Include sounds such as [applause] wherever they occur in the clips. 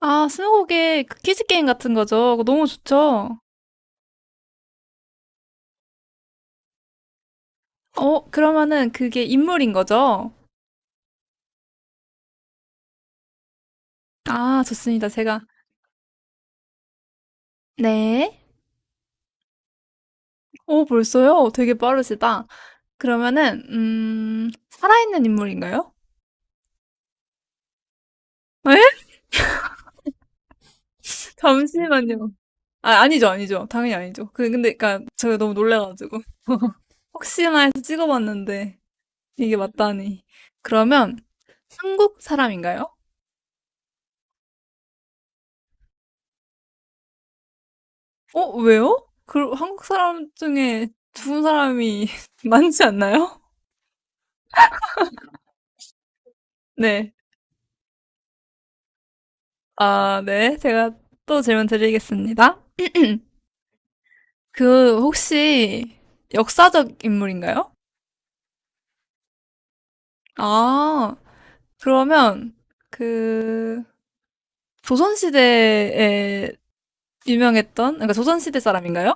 아, 스무고개 그 퀴즈 게임 같은 거죠. 그거 너무 좋죠. 어, 그러면은 그게 인물인 거죠? 아, 좋습니다. 제가. 네. 오, 벌써요? 되게 빠르시다. 그러면은, 살아있는 인물인가요? [laughs] 에? 잠시만요. 아, 아니죠, 아니죠. 당연히 아니죠. 그, 근데, 그니까, 제가 너무 놀래가지고. 혹시나 해서 찍어봤는데, 이게 맞다니. 그러면, 한국 사람인가요? 어, 왜요? 그, 한국 사람 중에 죽은 사람이 [laughs] 많지 않나요? 네. 아, 네. 제가 또 질문 드리겠습니다. 그, 혹시 역사적 인물인가요? 아, 그러면 그, 조선시대에 유명했던, 그러니까 조선시대 사람인가요?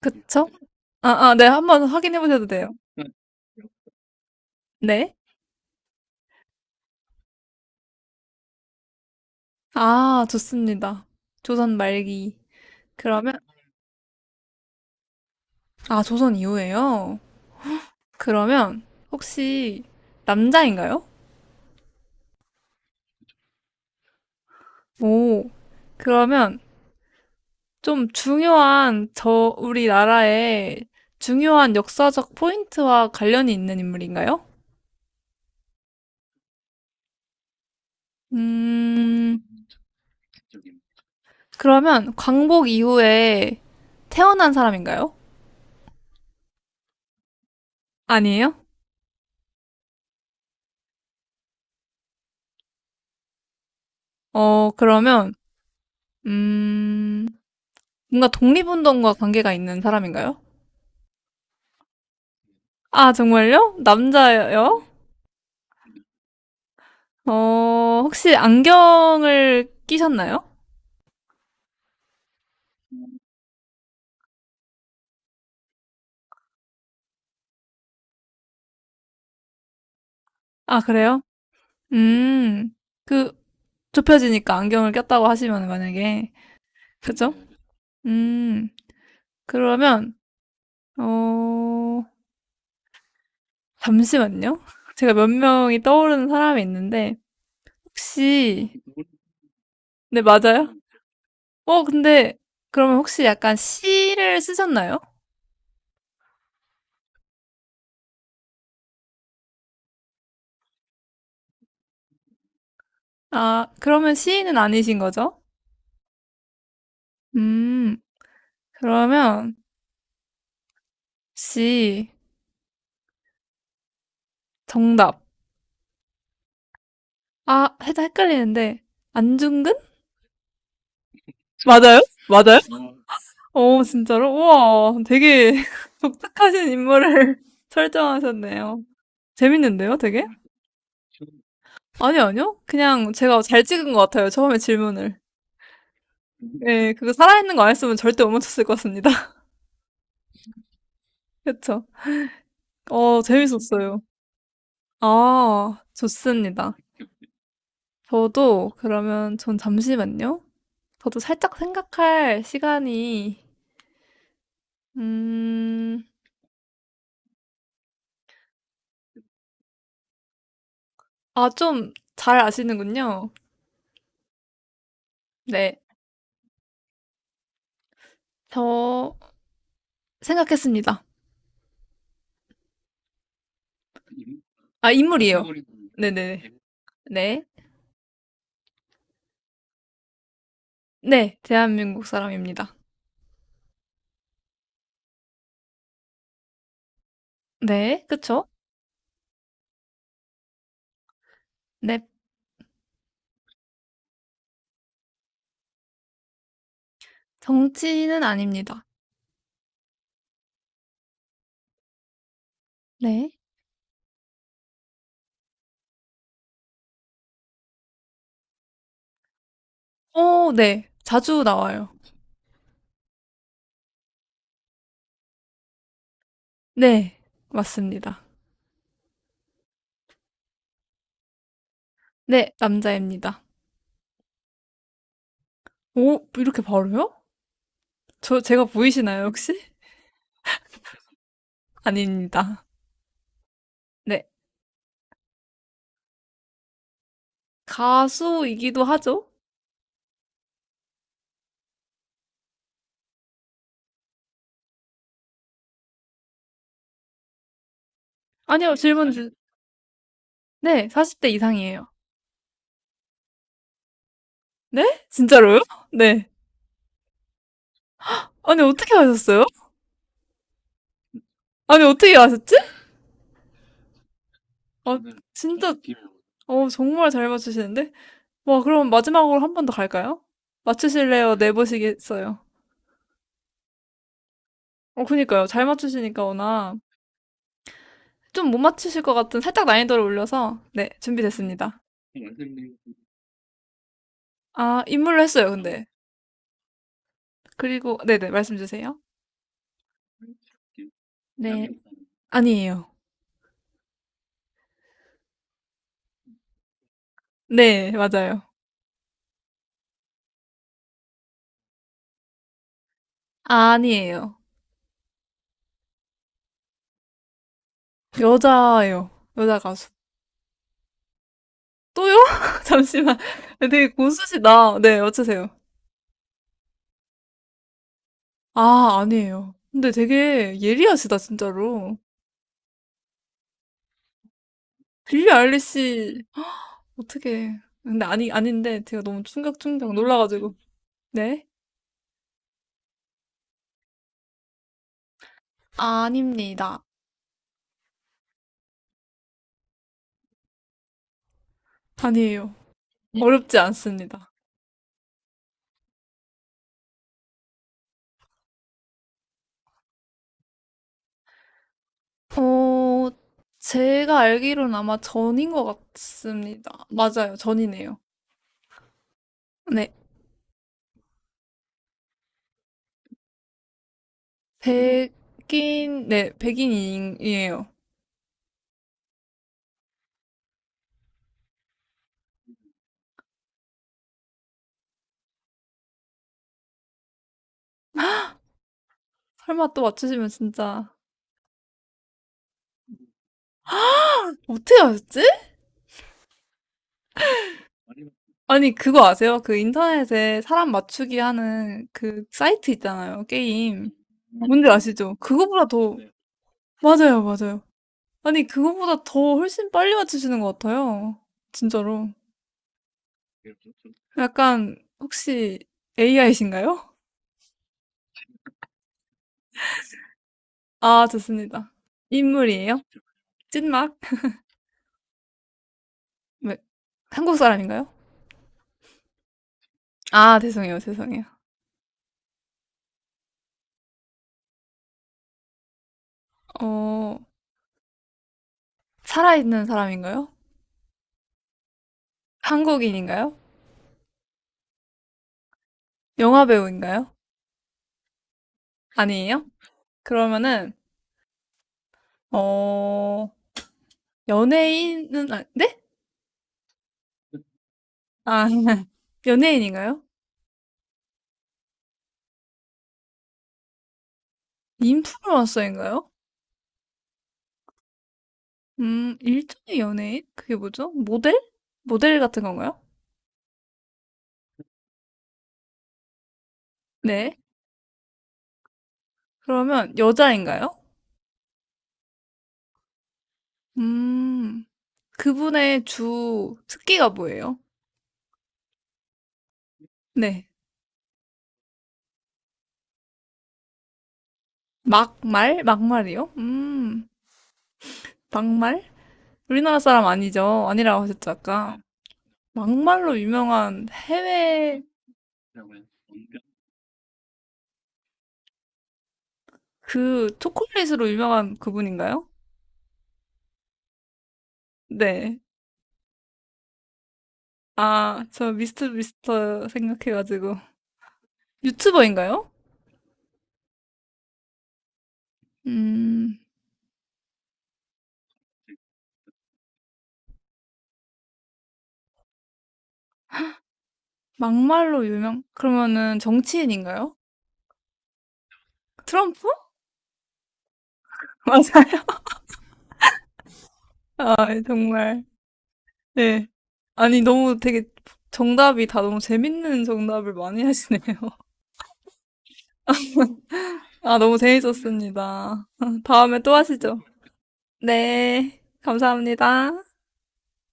그쵸? 아, 아, 네. 한번 확인해 보셔도 돼요. 네. 아, 좋습니다. 조선 말기. 그러면, 아, 조선 이후에요? 그러면, 혹시 남자인가요? 오, 그러면, 좀 중요한 저 우리나라의 중요한 역사적 포인트와 관련이 있는 인물인가요? 음, 그러면 광복 이후에 태어난 사람인가요? 아니에요? 어, 그러면 음, 뭔가 독립운동과 관계가 있는 사람인가요? 아, 정말요? 남자예요? 어, 혹시 안경을 끼셨나요? 아, 그래요? 음, 그 좁혀지니까 안경을 꼈다고 하시면 만약에 그죠? 음. 그러면 어 잠시만요. [laughs] 제가 몇 명이 떠오르는 사람이 있는데 혹시 네, 맞아요? 어, 근데 그러면 혹시 약간 시를 쓰셨나요? 아, 그러면 시인은 아니신 거죠? 음. 그러면 혹시 정답. 아, 살짝 헷갈리는데 안중근? 맞아요? 맞아요? 어, 진짜로? 우와, 되게 [laughs] 독특하신 인물을 [laughs] 설정하셨네요. 재밌는데요, 되게? 아니요, 아니요. 그냥 제가 잘 찍은 것 같아요. 처음에 질문을. 예, 그거 살아있는 거 안 했으면 절대 못 맞췄을 것 같습니다. [laughs] 그쵸? 어, 재밌었어요. 아, 좋습니다. 저도 그러면 전 잠시만요. 저도 살짝 생각할 시간이, 음, 아, 좀 잘 아시는군요. 네. 저 생각했습니다. 아, 인물이에요. 네네네. 네. 네, 대한민국 사람입니다. 네, 그쵸? 네, 정치인은 아닙니다. 네. 어 네. 자주 나와요. 네. 맞습니다. 네. 남자입니다. 오 이렇게 바로요? 저 제가 보이시나요 혹시? [laughs] 아닙니다. 네. 가수이기도 하죠. 아니요. 질문 주 네. 40대 이상이에요. 네? 진짜로요? 네. 아니 어떻게 아셨어요? 아니 어떻게 아셨지? 아, 진짜 어 정말 잘 맞추시는데? 와 그럼 마지막으로 한 번 더 갈까요? 맞추실래요? 내보시겠어요? 어 그니까요. 잘 맞추시니까 워낙 좀 못 맞추실 것 같은 살짝 난이도를 올려서 네 준비됐습니다. 아 인물로 했어요 근데 그리고 네네 말씀 주세요. 네 아니에요. 네 맞아요. 아, 아니에요. 여자예요. 여자 가수. 또요? [laughs] 잠시만. 되게 고수시다. 네 어쩌세요? 아 아니에요. 근데 되게 예리하시다 진짜로. 빌리 아일리시 어떻게? 근데 아니 아닌데 제가 너무 충격 놀라가지고 네 아닙니다. 아니에요. 어렵지 않습니다. 어, 제가 알기로는 아마 전인 것 같습니다. 맞아요, 전이네요. 네, 백인, 네, 백인이에요. 설마 또 맞추시면 진짜 어떻게 아셨지? 아니, 그거 아세요? 그 인터넷에 사람 맞추기 하는 그 사이트 있잖아요, 게임. 뭔지 아시죠? 그거보다 더, 맞아요, 맞아요. 아니, 그거보다 더 훨씬 빨리 맞추시는 것 같아요. 진짜로. 약간, 혹시 AI신가요? 아, 좋습니다. 인물이에요? 찐막? 왜, 한국 사람인가요? 아, 죄송해요, 죄송해요. 어, 살아있는 사람인가요? 한국인인가요? 영화 배우인가요? 아니에요? 그러면은, 어, 연예인은, 아, 네? 아, [laughs] 연예인인가요? 인플루언서인가요? 일종의 연예인? 그게 뭐죠? 모델? 모델 같은 건가요? 네. 그러면 여자인가요? 음, 그분의 주 특기가 뭐예요? 네. 막말? 막말이요? 막말? 우리나라 사람 아니죠? 아니라고 하셨죠, 아까. 막말로 유명한 해외 그 초콜릿으로 유명한 그분인가요? 네. 아, 저 미스터 생각해가지고. 유튜버인가요? 음, 막말로 유명, 그러면은 정치인인가요? 트럼프? [laughs] 맞아요. 아, 정말. 네. 아니, 너무 되게 정답이 다 너무 재밌는 정답을 많이 하시네요. 아, 너무 재밌었습니다. [laughs] 다음에 또 하시죠. 네, 감사합니다.